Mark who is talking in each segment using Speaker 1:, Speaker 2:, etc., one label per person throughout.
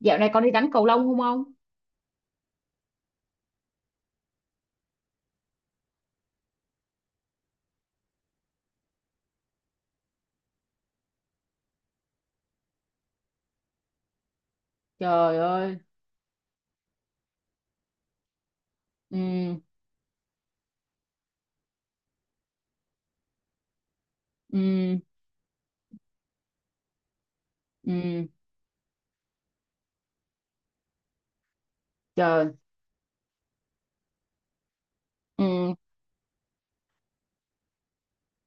Speaker 1: Dạo này con đi đánh cầu lông không ông? Trời ơi. Ừ, ừ, ừ, trời. Ừ,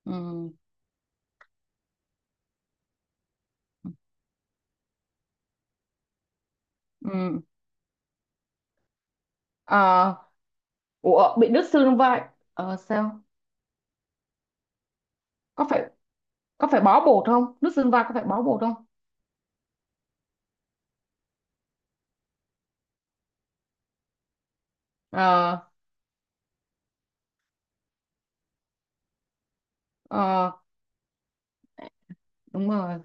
Speaker 1: ừ, ừ. Ờ, ủa, bị đứt xương vai. Ờ, sao? Có phải có phải bó bột không? Đứt xương vai có phải bó bột không? Ờ, ờ, đúng rồi.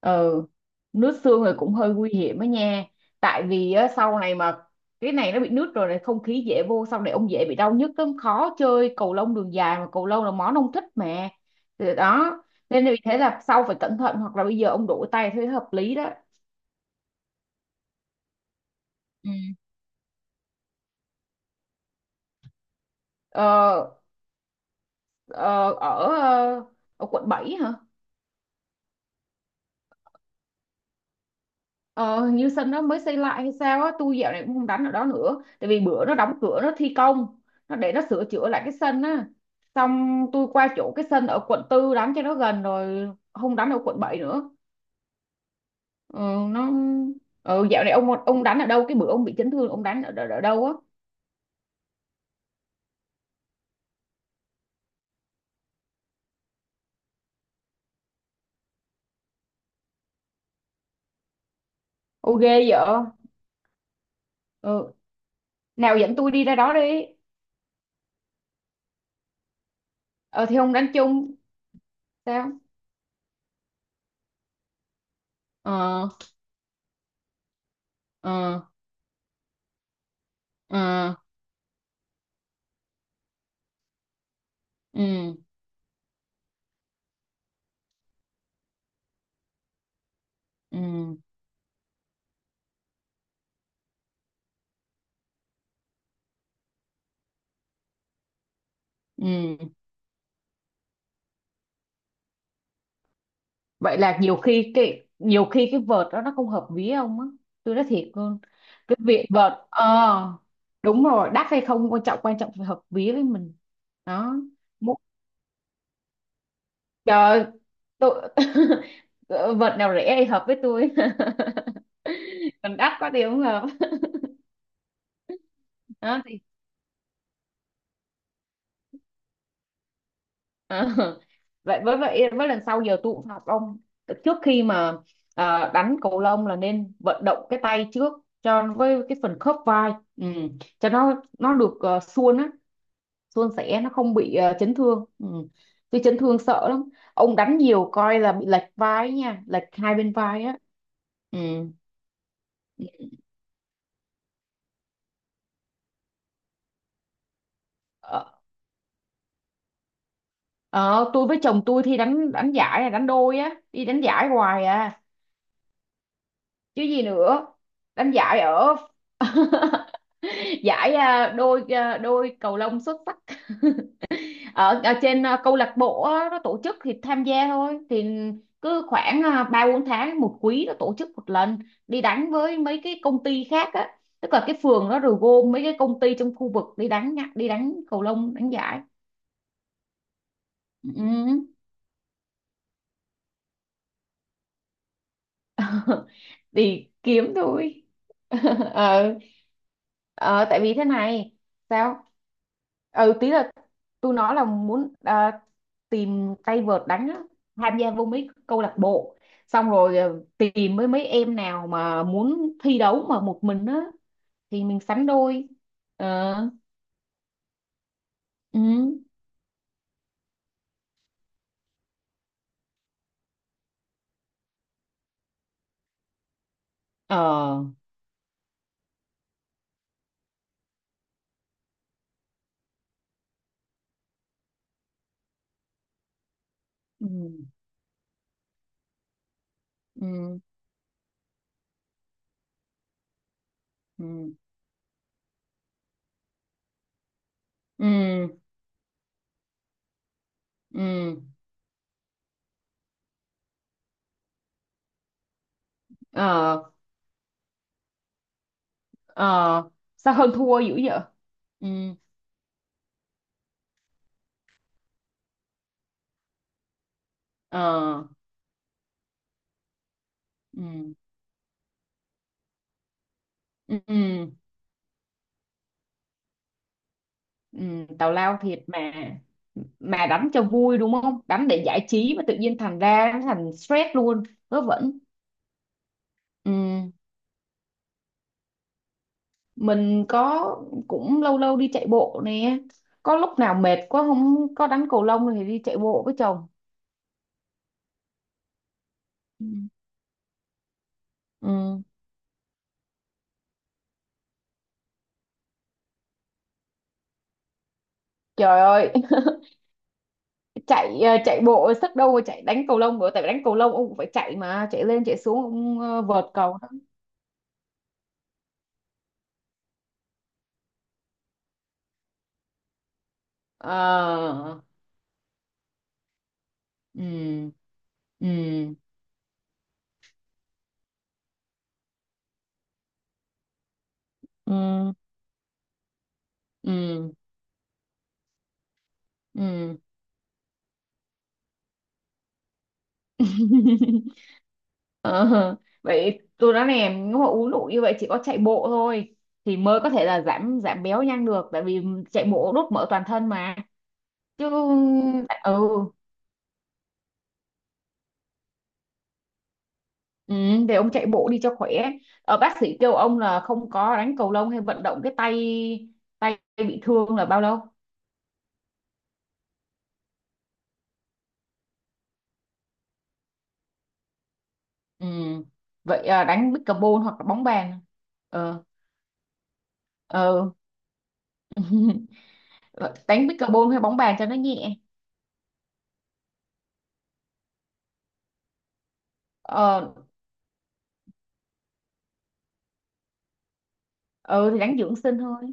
Speaker 1: Ừ. Nước xương thì cũng hơi nguy hiểm đó nha, tại vì á, sau này mà cái này nó bị nước rồi này, không khí dễ vô, sau này ông dễ bị đau nhức lắm, khó chơi cầu lông đường dài, mà cầu lông là món ông thích mà. Thì đó, nên là vì thế là sau phải cẩn thận, hoặc là bây giờ ông đổi tay thế hợp lý đó. Ừ. ờ, ờ, ở ờ, Ở quận 7 hả? Ờ, hình như sân nó mới xây lại hay sao á, tôi dạo này cũng không đánh ở đó nữa. Tại vì bữa nó đóng cửa nó thi công, nó để nó sửa chữa lại cái sân á. Xong tôi qua chỗ cái sân ở quận 4 đánh cho nó gần rồi, không đánh ở quận 7 nữa. Ừ, nó dạo này ông đánh ở đâu, cái bữa ông bị chấn thương ông đánh ở đâu á? Ô ghê vậy. Ừ. Nào dẫn tôi đi ra đó đi. Ờ thì ông đánh chung sao? Ờ, ờ, ờ, ừ, ừ, ừ, ừ. Vậy là nhiều khi cái vợt đó nó không hợp ví ông á, tôi nói thiệt luôn. Cái việc vợt, đúng rồi, đắt hay không quan trọng, quan trọng phải hợp ví với mình đó. Mu- Trời, tôi vợt nào rẻ thì hợp với tôi. Còn đắt quá thì không hợp đó. Ờ, vậy với lần sau giờ tôi cũng phạt ông, trước khi mà đánh cầu lông là nên vận động cái tay trước, cho với cái phần khớp vai. Ừ. Cho nó được, uh, suôn á suôn sẻ, nó không bị chấn thương. Ừ. Tôi chấn thương sợ lắm. Ông đánh nhiều coi là bị lệch vai ấy nha, lệch hai bên vai á. Ừ. Ờ, ờ, tôi với chồng tôi thì đánh đánh giải à, đánh đôi á, đi đánh giải hoài à. Chứ gì nữa. Đánh giải ở giải à, đôi cầu lông xuất sắc. Ở trên à, câu lạc bộ á, nó tổ chức thì tham gia thôi, thì cứ khoảng à, ba bốn tháng một quý nó tổ chức một lần, đi đánh với mấy cái công ty khác á, tức là cái phường nó rồi gom mấy cái công ty trong khu vực đi đánh nhá, đi đánh cầu lông đánh giải. Ừ. Đi kiếm thôi. Ờ, ờ. Tại vì thế này. Sao? Ừ, tí là tôi nói là muốn tìm tay vợt đánh á, tham gia vô mấy câu lạc bộ, xong rồi tìm với mấy em nào mà muốn thi đấu mà một mình á, thì mình sánh đôi. Ờ, ừ, ờ, ừ, ừ, ừ, ừ, ừ, ờ, ờ. Sao hơn thua dữ vậy? Ừ, ờ, ừ, ừ, ừ, ừ, tào lao thiệt mà. Mà đánh cho vui, đúng không? Đánh để giải trí mà tự nhiên thành ra nó thành stress luôn. Vớ vẩn. Ừ. Mình có, cũng lâu lâu đi chạy bộ nè, có lúc nào mệt quá không có đánh cầu lông thì đi chạy bộ với chồng. Ừ. Ừ. Trời ơi, chạy bộ sức đâu mà chạy đánh cầu lông nữa, tại vì đánh cầu lông ông cũng phải chạy mà, chạy lên chạy xuống ông vợt cầu. Ờ, ừ, ừ, ừ, ừ, ừ. Ờ, vậy tôi nói nè, nếu mà uống đủ như vậy chỉ có chạy bộ thôi thì mới có thể là giảm giảm béo nhanh được, tại vì chạy bộ đốt mỡ toàn thân mà. Chứ. Ừ, ừ, để ông chạy bộ đi cho khỏe. Bác sĩ kêu ông là không có đánh cầu lông hay vận động cái tay, tay bị thương là bao lâu? Ừ, vậy à, đánh pickleball hoặc là bóng bàn. Ờ, ờ. Đánh pickleball hay bóng bàn cho nó nhẹ. Ờ, ờ thì đánh dưỡng sinh thôi.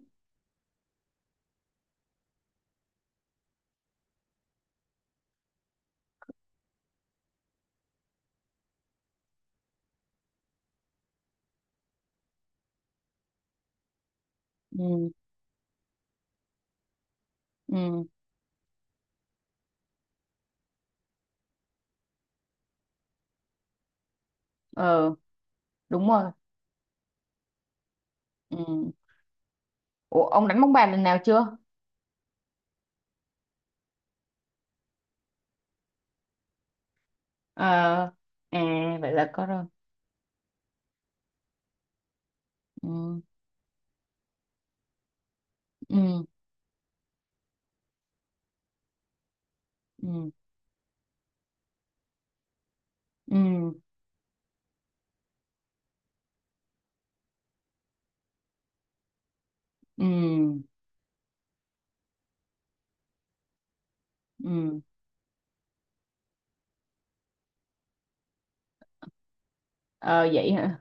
Speaker 1: Ừ, ừ, ờ, đúng rồi, ừ. Ủa, ông đánh bóng bàn lần nào chưa? Ờ, à, vậy là có rồi. Ừ, ừ, ừ, ừ, ừ, ừ, ờ, vậy hả?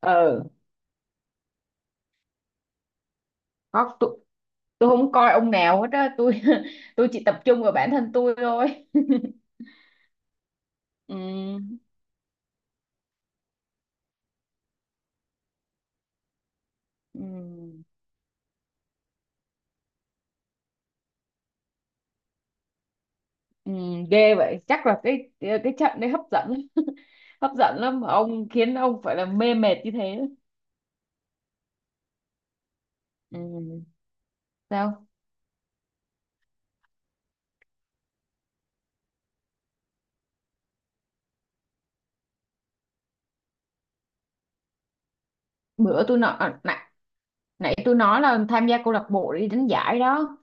Speaker 1: Ờ, có. Tôi không coi ông nào hết á, tôi tôi chỉ tập trung vào bản thân tôi thôi. Ừ, ừ, ừ, ghê vậy, chắc là cái trận đấy hấp dẫn. Hấp dẫn lắm mà ông khiến ông phải là mê mệt như thế. Ừ, sao? Bữa tôi nói à, nãy tôi nói là tham gia câu lạc bộ đi đánh giải đó.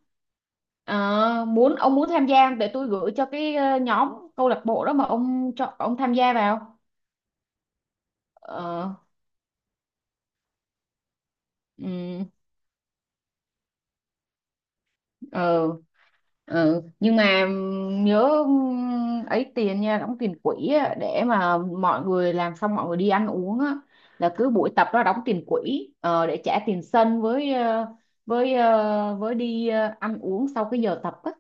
Speaker 1: Ờ, ông muốn tham gia không? Để tôi gửi cho cái nhóm câu lạc bộ đó mà cho ông tham gia vào. Ờ, ừm, ờ, ờ. Nhưng mà nhớ ấy tiền nha, đóng tiền quỹ á, để mà mọi người làm xong mọi người đi ăn uống á, là cứ buổi tập đó đóng tiền quỹ, để trả tiền sân với đi ăn uống sau cái giờ tập á.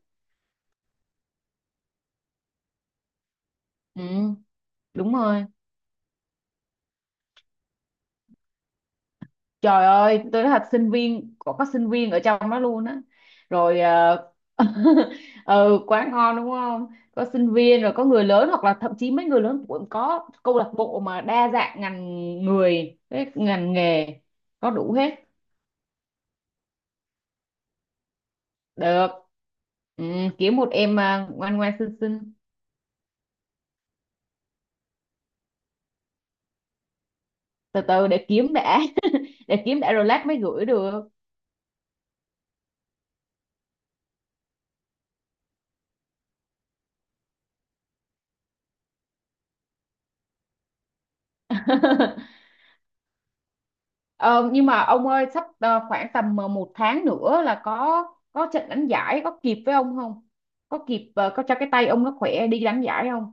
Speaker 1: Ừ. Đúng rồi. Trời ơi, tôi nói thật, sinh viên có sinh viên ở trong đó luôn á. Rồi ừ, quá ngon đúng không? Có sinh viên, rồi có người lớn, hoặc là thậm chí mấy người lớn cũng có câu lạc bộ mà đa dạng ngành người, cái ngành nghề có đủ hết. Được. Ừ, kiếm một em à, ngoan ngoan xinh xinh. Từ từ để kiếm đã. Để kiếm đã rồi lát mới gửi được. Ờ, nhưng mà ông ơi, sắp khoảng tầm 1 tháng nữa là có trận đánh giải, có kịp với ông không? Có kịp có cho cái tay ông nó khỏe đi đánh giải không?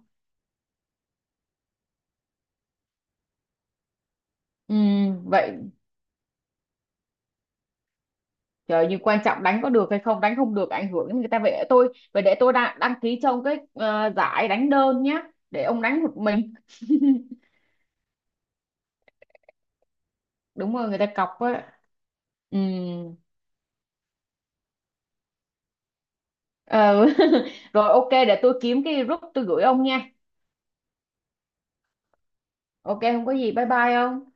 Speaker 1: Ừ, vậy, trời, nhưng quan trọng đánh có được hay không, đánh không được ảnh hưởng đến người ta, vậy để tôi đăng ký cho ông cái giải đánh đơn nhá, để ông đánh một mình. Đúng rồi, người ta cọc á. Ừ. Ờ. Rồi ok, để tôi kiếm cái group tôi gửi ông nha. Ok, không có gì, bye bye ông.